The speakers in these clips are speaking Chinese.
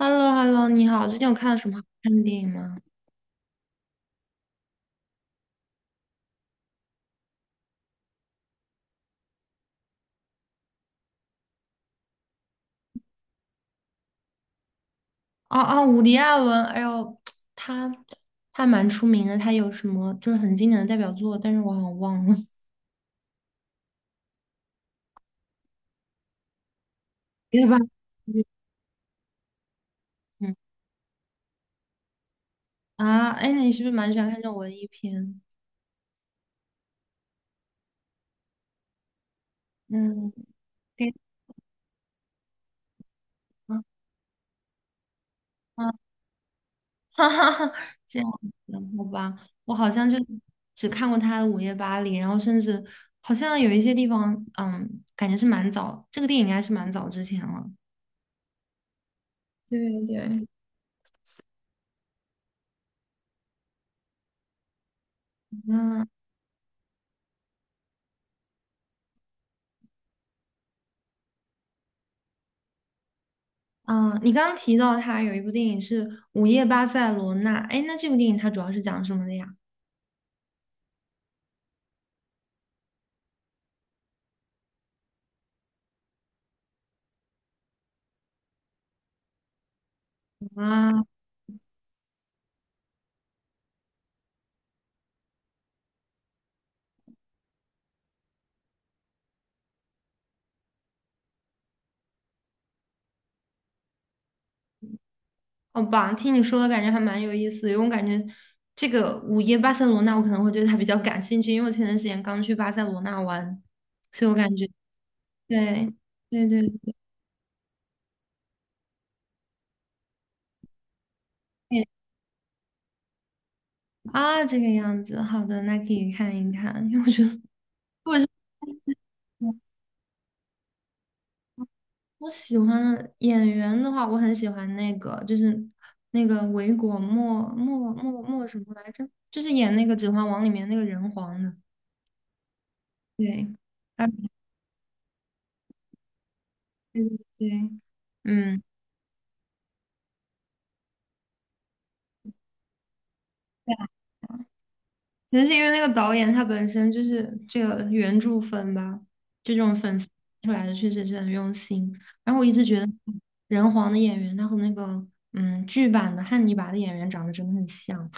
h e l l o h e l l o 你好，最近有看了什么好看的电影吗？哦哦，伍迪·艾伦，哎呦，他他蛮出名的，他有什么就是很经典的代表作，但是我好像忘了，对吧？嗯啊，哎，你是不是蛮喜欢看这种文艺片？嗯，对，嗯嗯，哈哈哈，这样子，好吧，我好像就只看过他的《午夜巴黎》，然后甚至好像有一些地方，感觉是蛮早，这个电影应该是蛮早之前了。对对，嗯嗯，你刚刚提到他有一部电影是《午夜巴塞罗那》，哎，那这部电影它主要是讲什么的呀？啊，好吧，听你说的感觉还蛮有意思的，因为我感觉这个《午夜巴塞罗那》我可能会对它比较感兴趣，因为我前段时间刚去巴塞罗那玩，所以我感觉对对对对啊，这个样子，好的，那可以看一看，因为我觉得我是。我喜欢的演员的话，我很喜欢那个，就是那个维果莫莫莫莫什么来着？就是演那个《指环王》里面那个人皇的。对，啊，对对对，嗯，对啊，其实是因为那个导演他本身就是这个原著粉吧，就这种粉丝出来的确实是很用心。然后我一直觉得人皇的演员他和那个剧版的汉尼拔的演员长得真的很像。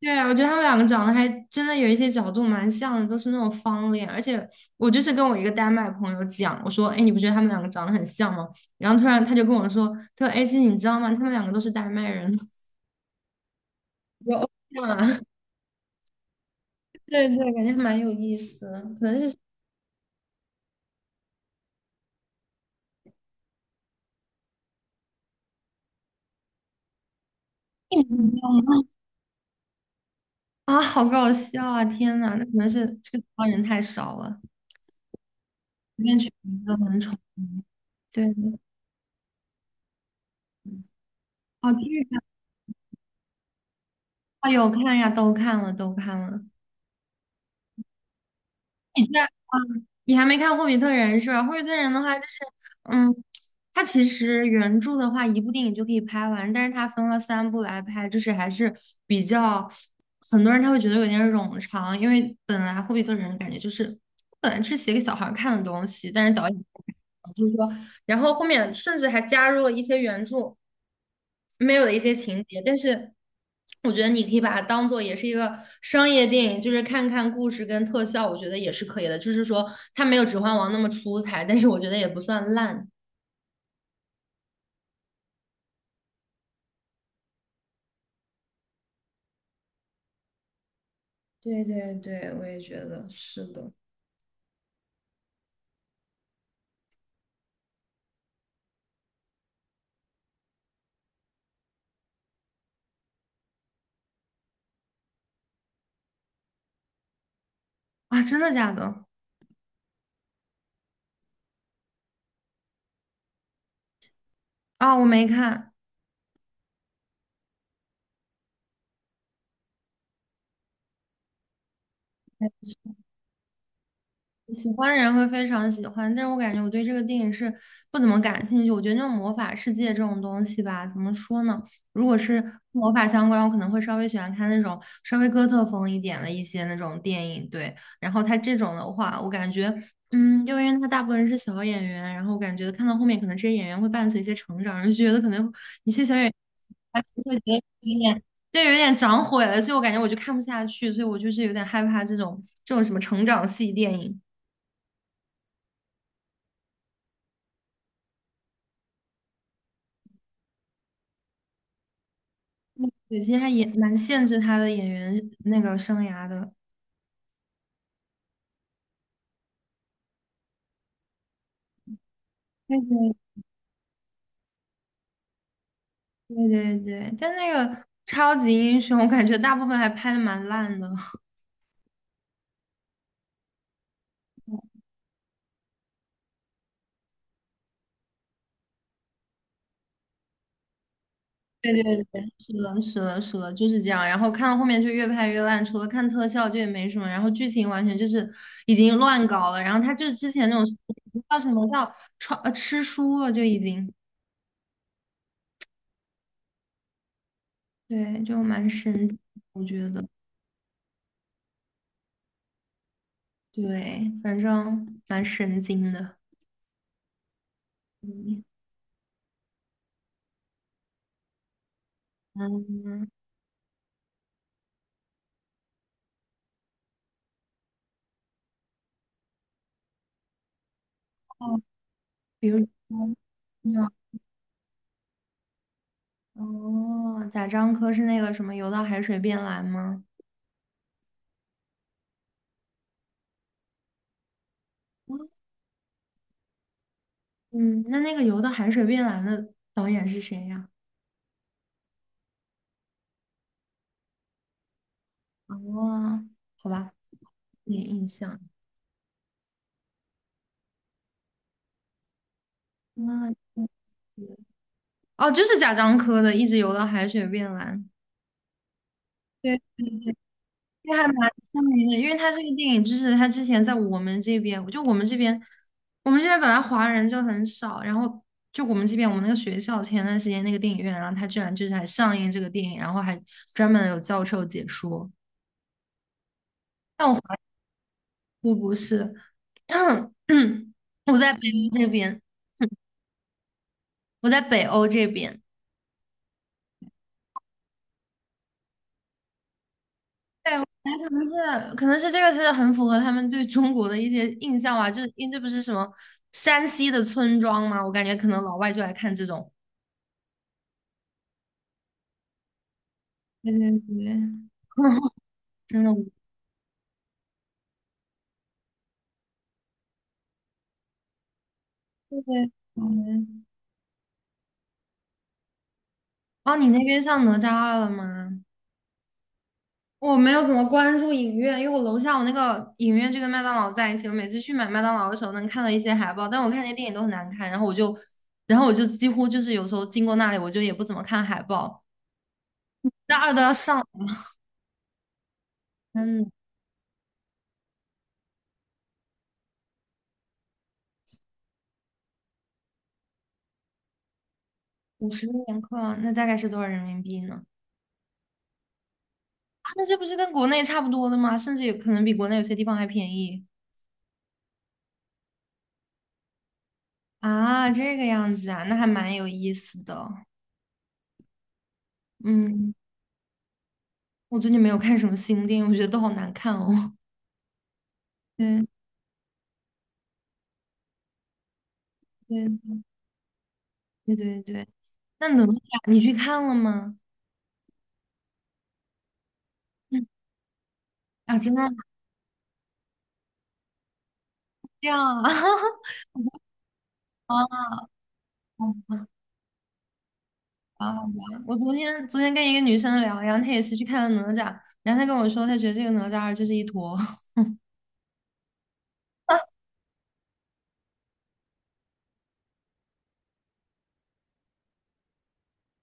对啊，我觉得他们两个长得还真的有一些角度蛮像的，都是那种方脸。而且我就是跟我一个丹麦朋友讲，我说："哎，你不觉得他们两个长得很像吗？"然后突然他就跟我说："他说，哎，其实你知道吗？他们两个都是丹麦人。"有偶像啊，对对，感觉还蛮有意思的，可能是性格不一样吧。啊，好搞笑啊！天呐，那可能是这个地方人太少了，随便取名字都很丑。对，哦，剧啊，哦有看呀，都看了，都看了。你在啊，你还没看《霍比特人》是吧？《霍比特人》的话，就是嗯，它其实原著的话，一部电影就可以拍完，但是它分了三部来拍，就是还是比较，很多人他会觉得有点冗长，因为本来《霍比特人》感觉就是本来是写给小孩儿看的东西，但是导演。就是说然后后面甚至还加入了一些原著没有的一些情节，但是我觉得你可以把它当做也是一个商业电影，就是看看故事跟特效，我觉得也是可以的。就是说它没有《指环王》那么出彩，但是我觉得也不算烂。对对对，我也觉得是的。啊，真的假的？啊，我没看。喜欢的人会非常喜欢，但是我感觉我对这个电影是不怎么感兴趣。我觉得那种魔法世界这种东西吧，怎么说呢？如果是跟魔法相关，我可能会稍微喜欢看那种稍微哥特风一点的一些那种电影。对，然后它这种的话，我感觉，就因为它大部分人是小演员，然后我感觉看到后面可能这些演员会伴随一些成长，就觉得可能一些小演员还是会觉得有点。对，有点长毁了，所以我感觉我就看不下去，所以我就是有点害怕这种什么成长系电影。对，其实还也蛮限制他的演员那个生涯的。对对对对对，但那个超级英雄，我感觉大部分还拍的蛮烂的。对对对，是的，是的，是的，就是这样。然后看到后面就越拍越烂，除了看特效，就也没什么。然后剧情完全就是已经乱搞了。然后他就是之前那种叫什么叫穿吃书了，就已经对，就蛮神经，我觉得对，反正蛮神经的。嗯，哦，比如说。哦，贾樟柯是那个什么《游到海水变蓝》吗？嗯，那那个《游到海水变蓝》的导演是谁呀？哦，好吧，没印象。那哦，就是贾樟柯的《一直游到海水变蓝》。对，因为还蛮出名的，因为他这个电影就是他之前在我们这边，就我们这边，我们这边本来华人就很少，然后就我们这边我们那个学校前段时间那个电影院啊，然后他居然就是还上映这个电影，然后还专门有教授解说。但我。我不是，但 我在北欧这边，我在北欧这边。对，我觉得可能是这个是很符合他们对中国的一些印象吧，就是因为这不是什么山西的村庄嘛，我感觉可能老外就爱看这种。对对对，真的，对对，嗯，哦，你那边上哪吒二了吗？我没有怎么关注影院，因为我楼下我那个影院就跟麦当劳在一起，我每次去买麦当劳的时候能看到一些海报，但我看那些电影都很难看，然后我就几乎就是有时候经过那里，我就也不怎么看海报。那二都要上，嗯，50年课，那大概是多少人民币呢？啊，那这不是跟国内差不多的吗？甚至有可能比国内有些地方还便宜。啊，这个样子啊，那还蛮有意思的。嗯，我最近没有看什么新电影，我觉得都好难看哦。对对对对对。那哪吒你去看了吗？嗯啊，真的吗？这样啊？啊，好好吧。我昨天跟一个女生聊，然后她也是去看了哪吒，然后她跟我说，她觉得这个哪吒二就是一坨，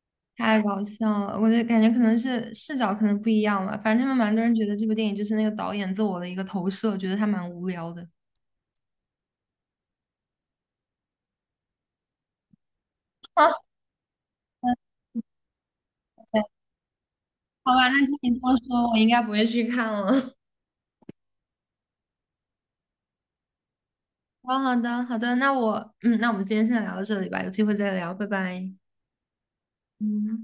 太搞笑了。我就感觉可能是视角可能不一样吧，反正他们蛮多人觉得这部电影就是那个导演自我的一个投射，觉得他蛮无聊的。啊好吧，那听你这么说，我应该不会去看了。好好的，好的，那我，那我们今天先聊到这里吧，有机会再聊，拜拜。嗯。